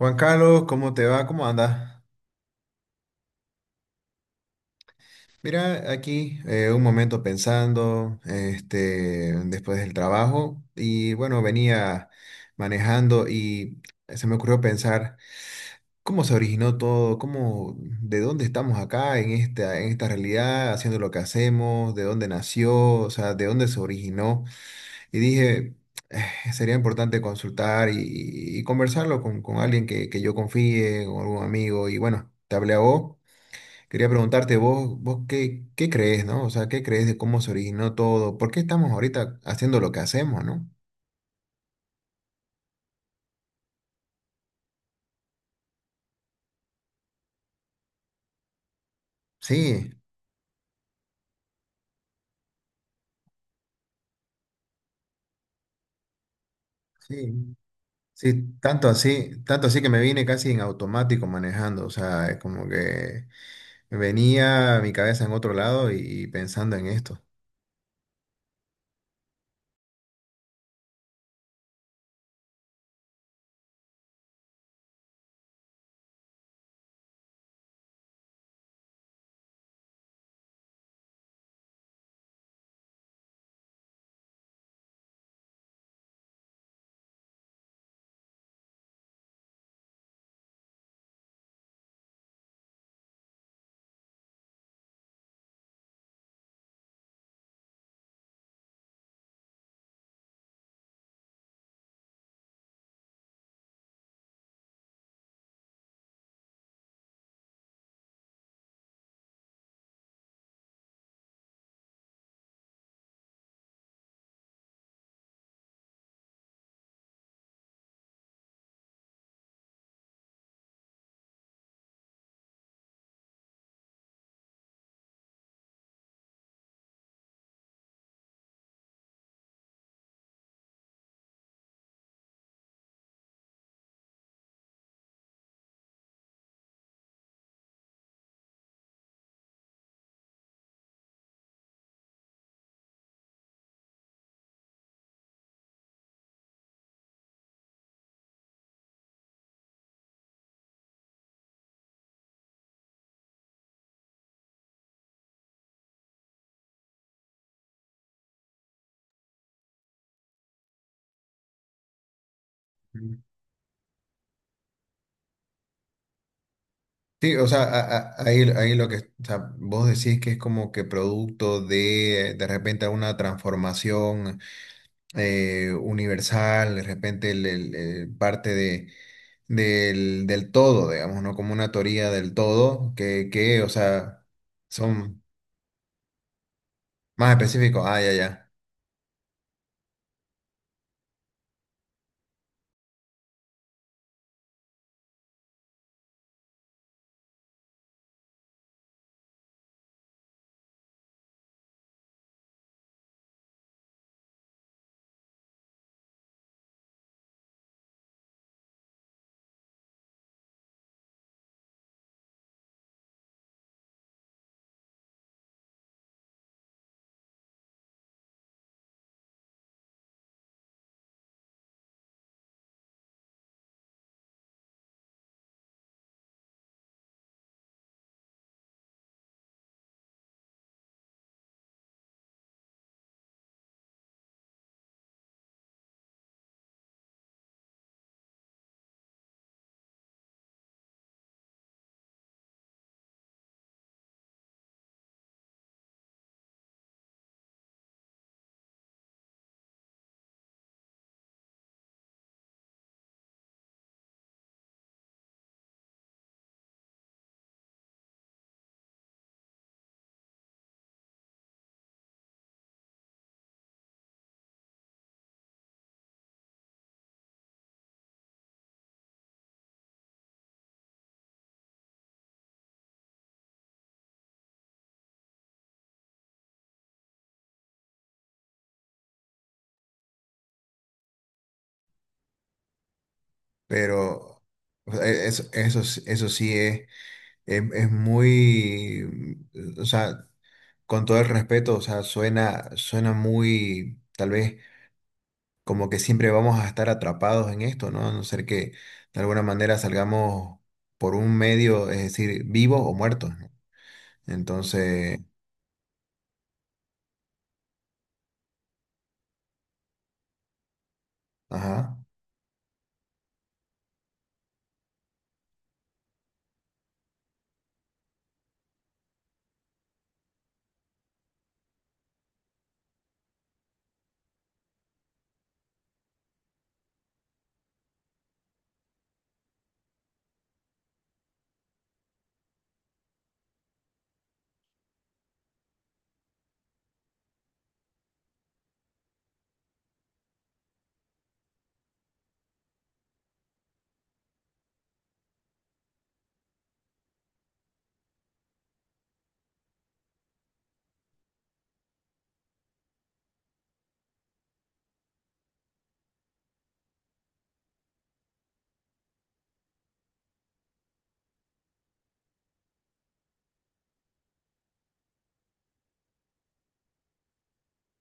Juan Carlos, ¿cómo te va? ¿Cómo andas? Mira, aquí un momento pensando, este, después del trabajo, y bueno, venía manejando y se me ocurrió pensar cómo se originó todo, cómo, de dónde estamos acá en esta realidad, haciendo lo que hacemos, de dónde nació, o sea, de dónde se originó. Y dije, sería importante consultar y conversarlo con alguien que yo confíe, con algún amigo, y bueno, te hablé a vos. Quería preguntarte vos, vos qué crees, ¿no? O sea, ¿qué crees de cómo se originó todo? ¿Por qué estamos ahorita haciendo lo que hacemos, ¿no? Sí, sí, sí, tanto así que me vine casi en automático manejando, o sea, es como que venía mi cabeza en otro lado y pensando en esto. Mm. Sí, o sea, ahí lo que, o sea, vos decís que es como que producto de repente alguna transformación. Universal, de repente el parte de, del todo, digamos, ¿no? Como una teoría del todo, que, o sea, son más específicos, ah, ya, ya, pero o sea, eso sí es muy, o sea, con todo el respeto, o sea, suena, suena muy, tal vez como que siempre vamos a estar atrapados en esto, ¿no? A no ser que de alguna manera salgamos por un medio, es decir, vivos o muertos, ¿no? Entonces, ajá,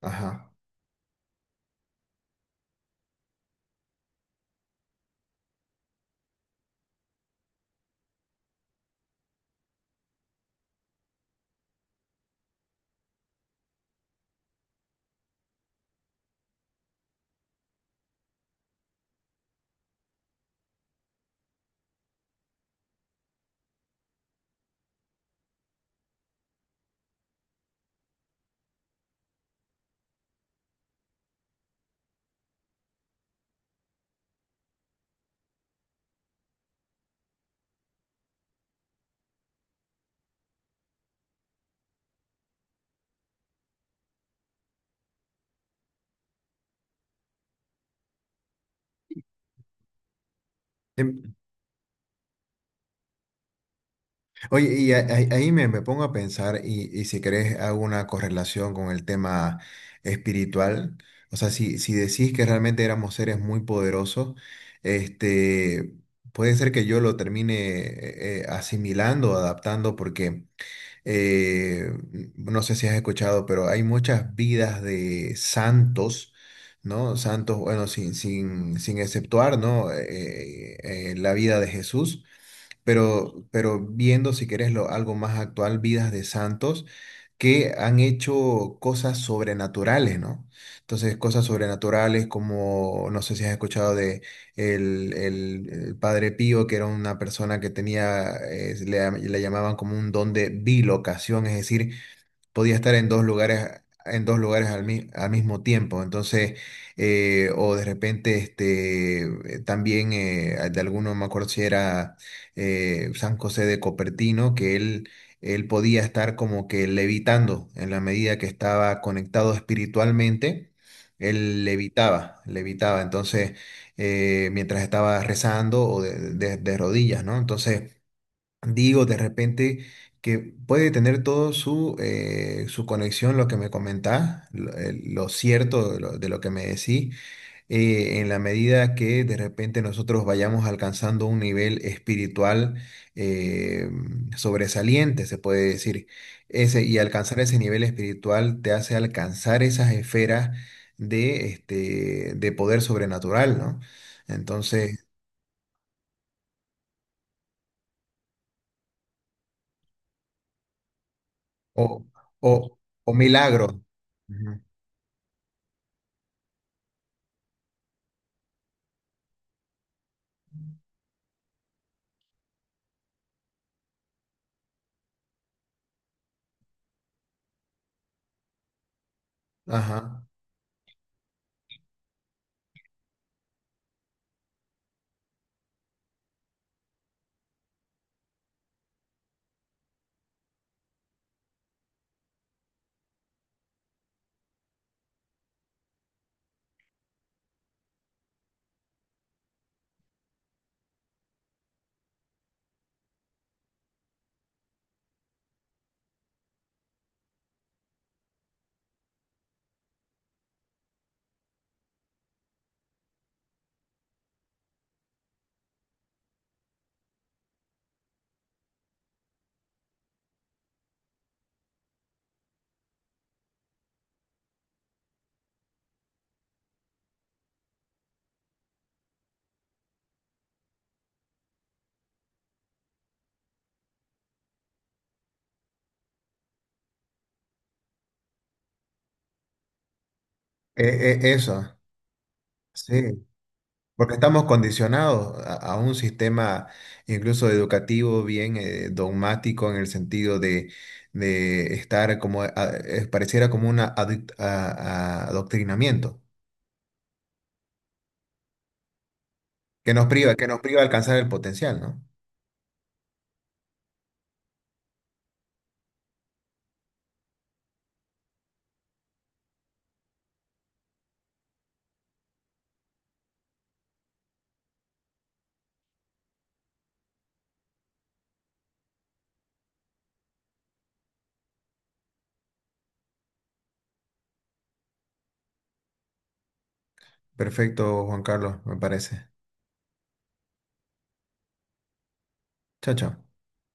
ajá. Em, Oye, y ahí me, me pongo a pensar y si querés hago una correlación con el tema espiritual. O sea, si, si decís que realmente éramos seres muy poderosos, este, puede ser que yo lo termine asimilando, adaptando, porque eh, no sé si has escuchado, pero hay muchas vidas de santos, ¿no? Santos, bueno, sin, sin, sin exceptuar, ¿no? La vida de Jesús pero viendo, si querés, lo, algo más actual, vidas de santos que han hecho cosas sobrenaturales, ¿no? Entonces, cosas sobrenaturales como, no sé si has escuchado de el Padre Pío, que era una persona que tenía, le, le llamaban como un don de bilocación, es decir, podía estar en dos lugares al mismo tiempo. Entonces, o de repente, este, también de alguno, me acuerdo si era San José de Copertino, que él podía estar como que levitando en la medida que estaba conectado espiritualmente. Él levitaba, levitaba, entonces, mientras estaba rezando o de rodillas, ¿no? Entonces, digo, de repente que puede tener todo su, su conexión, lo que me comentás, lo cierto de lo que me decís, en la medida que de repente nosotros vayamos alcanzando un nivel espiritual eh, sobresaliente, se puede decir. Ese, y alcanzar ese nivel espiritual te hace alcanzar esas esferas de, este, de poder sobrenatural, ¿no? Entonces, o, o, o milagro. Ajá, e- eso, sí, porque estamos condicionados a un sistema incluso educativo bien dogmático en el sentido de estar como, pareciera como un adoctrinamiento, que nos priva de alcanzar el potencial, ¿no? Perfecto, Juan Carlos, me parece. Chao, chao.